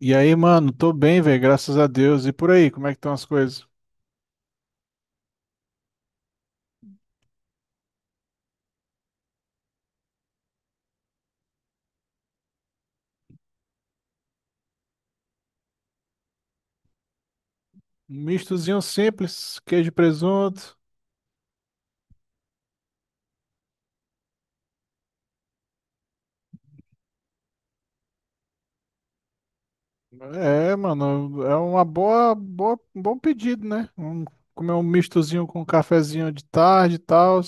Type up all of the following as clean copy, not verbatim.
E aí, mano, tô bem, velho, graças a Deus. E por aí, como é que estão as coisas? Um mistozinho simples, queijo e presunto. É, mano, é uma boa, um bom pedido, né? Comer um mistozinho com um cafezinho de tarde e tal.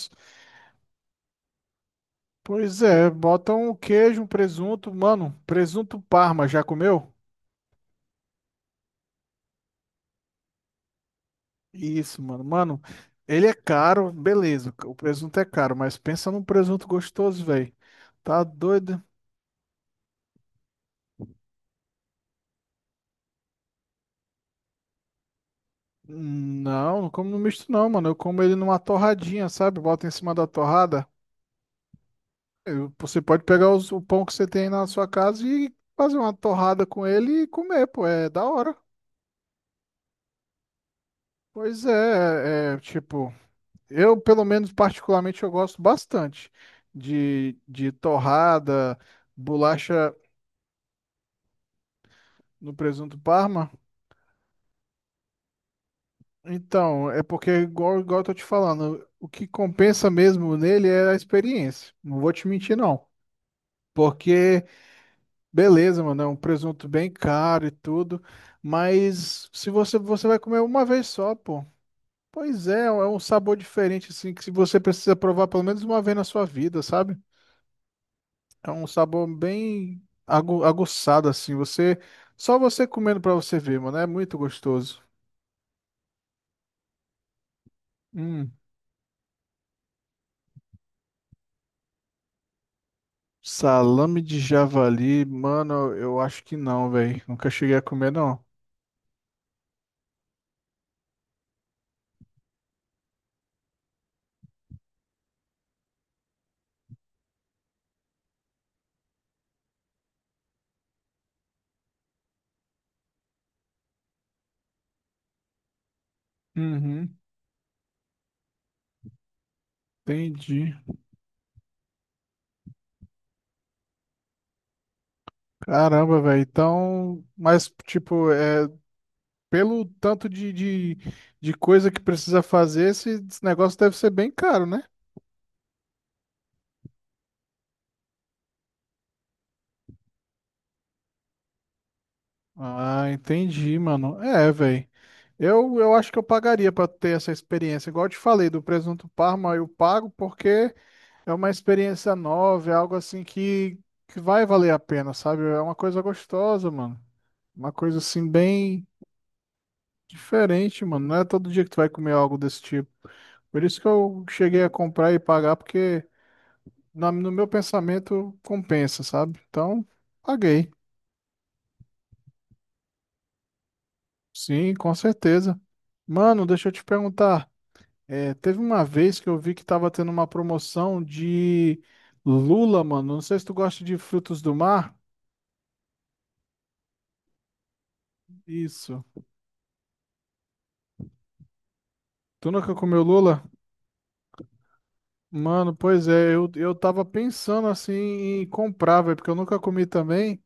Pois é, bota um queijo, um presunto, mano, presunto Parma, já comeu? Isso, mano, ele é caro, beleza, o presunto é caro, mas pensa num presunto gostoso, velho. Tá doido? Não, não como no misto não, mano. Eu como ele numa torradinha, sabe? Bota em cima da torrada. Você pode pegar o pão que você tem aí na sua casa e fazer uma torrada com ele e comer, pô. É da hora. Pois é, tipo, eu pelo menos particularmente eu gosto bastante de torrada, bolacha no presunto Parma. Então, é porque igual eu tô te falando, o que compensa mesmo nele é a experiência. Não vou te mentir, não. Porque beleza, mano, é um presunto bem caro e tudo, mas se você vai comer uma vez só, pô. Pois é, é um sabor diferente assim que se você precisa provar pelo menos uma vez na sua vida, sabe? É um sabor bem aguçado assim, você só você comendo pra você ver, mano, é muito gostoso. Hum, salame de javali, mano, eu acho que não, velho. Nunca cheguei a comer não. Uhum, entendi. Caramba, velho. Então, mas tipo, pelo tanto de coisa que precisa fazer, esse negócio deve ser bem caro, né? Ah, entendi, mano. É, velho. Eu acho que eu pagaria pra ter essa experiência. Igual eu te falei, do presunto Parma eu pago porque é uma experiência nova, é algo assim que vai valer a pena, sabe? É uma coisa gostosa, mano. Uma coisa assim bem diferente, mano. Não é todo dia que tu vai comer algo desse tipo. Por isso que eu cheguei a comprar e pagar, porque na- no meu pensamento, compensa, sabe? Então, paguei. Sim, com certeza. Mano, deixa eu te perguntar, é, teve uma vez que eu vi que tava tendo uma promoção de lula, mano. Não sei se tu gosta de frutos do mar. Isso. Tu nunca comeu lula? Mano, pois é, eu tava pensando assim em comprar, velho, porque eu nunca comi também.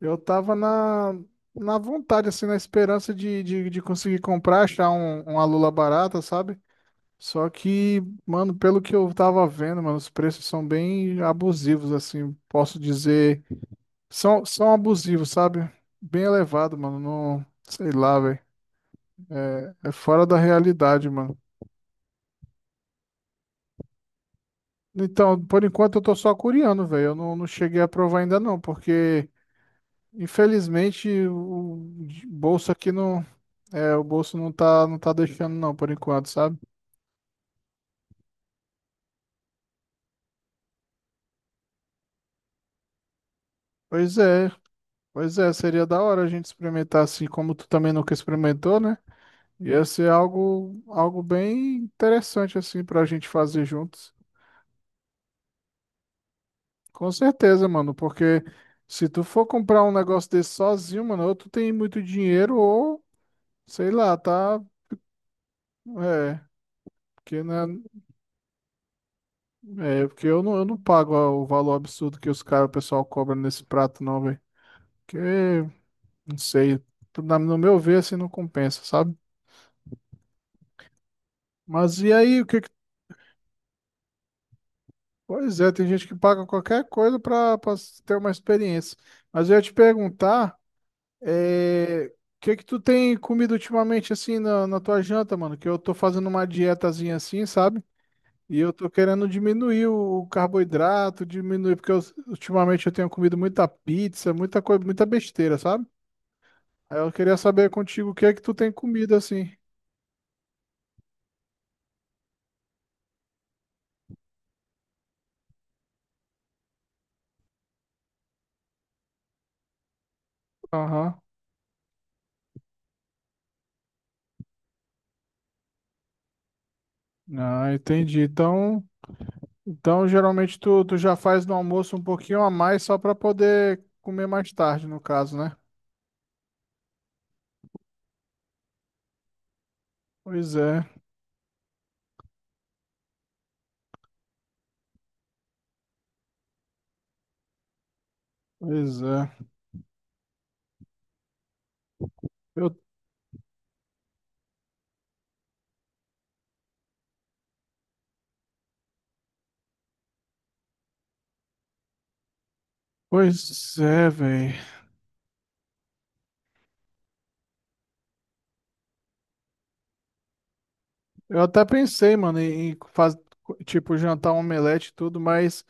Eu tava na vontade, assim, na esperança de conseguir comprar, achar uma lula barata, sabe? Só que, mano, pelo que eu tava vendo, mano, os preços são bem abusivos, assim, posso dizer. São abusivos, sabe? Bem elevado, mano. Não, sei lá, velho. É fora da realidade, mano. Então, por enquanto eu tô só curiando, velho. Eu não, Não cheguei a provar ainda não, porque infelizmente o bolso aqui não, é, o bolso não não tá deixando não, por enquanto, sabe? Pois é, Pois é, seria da hora a gente experimentar assim, como tu também nunca experimentou, né? Ia ser algo bem interessante assim pra gente fazer juntos. Com certeza, mano, porque se tu for comprar um negócio desse sozinho, mano, ou tu tem muito dinheiro ou sei lá, tá? É, porque né, é, porque eu não pago o valor absurdo que o pessoal cobra nesse prato não, velho. Porque não sei, na- no meu ver assim não compensa, sabe? Mas e aí, o que que pois é, tem gente que paga qualquer coisa pra ter uma experiência. Mas eu ia te perguntar é, o que que tu tem comido ultimamente assim na tua janta, mano? Que eu tô fazendo uma dietazinha assim, sabe? E eu tô querendo diminuir o carboidrato, diminuir, ultimamente eu tenho comido muita pizza, muita coisa, muita besteira, sabe? Aí eu queria saber contigo o que é que tu tem comido assim. Aham. Ah, entendi. Então, então geralmente tu já faz no almoço um pouquinho a mais só pra poder comer mais tarde, no caso, né? Pois é, pois é. Eu, Pois é, velho. Eu até pensei, mano, em fazer tipo, jantar um omelete e tudo, mas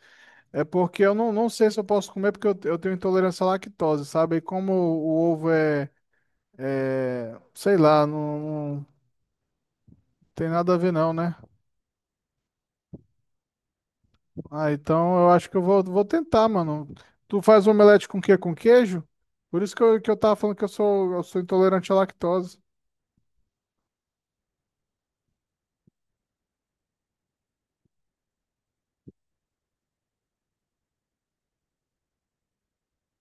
é porque eu não, não sei se eu posso comer, porque eu tenho intolerância à lactose, sabe? E como o ovo sei lá, não tem nada a ver não, né? Ah, então eu acho que vou tentar, mano. Tu faz omelete com o quê? Com queijo? Por isso que eu tava falando que eu sou intolerante à lactose.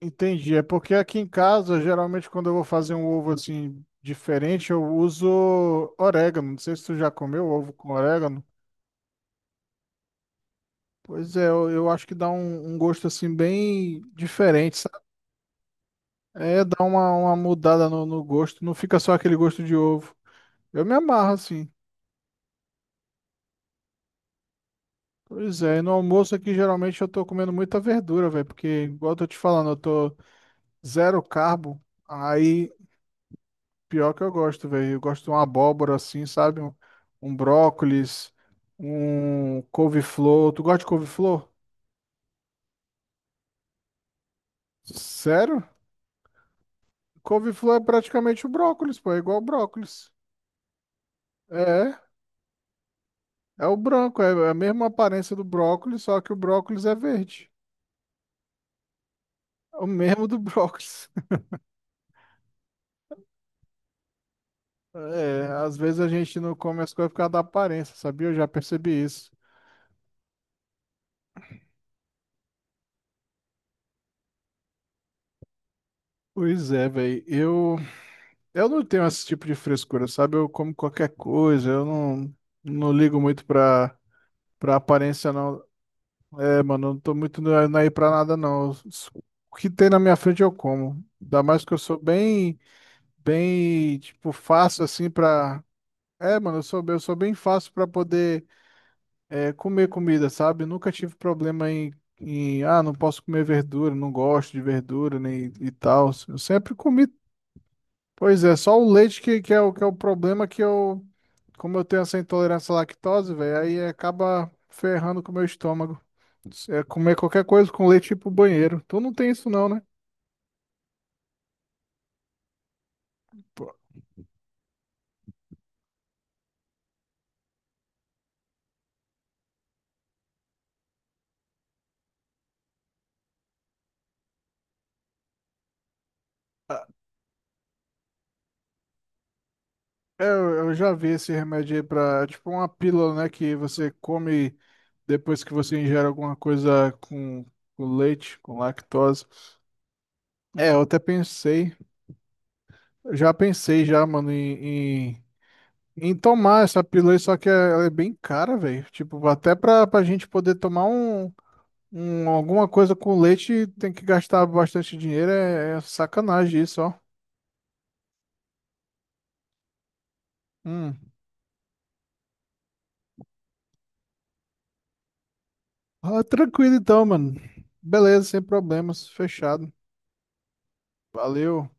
Entendi. É porque aqui em casa, geralmente, quando eu vou fazer um ovo assim diferente, eu uso orégano. Não sei se tu já comeu ovo com orégano. Pois é, eu acho que dá um gosto assim bem diferente, sabe? É, dá uma mudada no gosto. Não fica só aquele gosto de ovo. Eu me amarro assim. Pois é, e no almoço aqui geralmente eu tô comendo muita verdura, velho, porque, igual eu tô te falando, eu tô zero carbo. Aí pior que eu gosto, velho. Eu gosto de uma abóbora assim, sabe? Um brócolis, um couve-flor. Tu gosta de couve-flor? Sério? Couve-flor é praticamente o brócolis, pô. É igual o brócolis. É, é o branco. É a mesma aparência do brócolis, só que o brócolis é verde. É o mesmo do brócolis. É, às vezes a gente não come as coisas por causa da aparência, sabia? Eu já percebi isso. Pois é, velho. Eu não tenho esse tipo de frescura, sabe? Eu como qualquer coisa, eu não, não ligo muito pra aparência, não. É, mano, eu não tô muito na ir pra nada, não. O que tem na minha frente eu como. Ainda mais que eu sou tipo, fácil assim pra. É, mano, eu sou bem fácil pra poder é, comer comida, sabe? Nunca tive problema em, ah, não posso comer verdura, não gosto de verdura nem, e tal. Eu sempre comi pois é, só o leite que é que é o problema que eu, como eu tenho essa intolerância à lactose, velho, aí acaba ferrando com o meu estômago. É comer qualquer coisa com leite e ir pro banheiro. Tu não tem isso não, né? Pô, eu já vi esse remédio aí pra, é tipo uma pílula, né, que você come depois que você ingere alguma coisa com leite, com lactose. É, eu até pensei, eu já pensei já, mano, em, em, em tomar essa pílula aí, só que ela é bem cara, velho. Tipo, até pra gente poder tomar alguma coisa com leite, tem que gastar bastante dinheiro, é, é sacanagem isso, ó. Hum. Ah, tranquilo então, mano. Beleza, sem problemas, fechado. Valeu.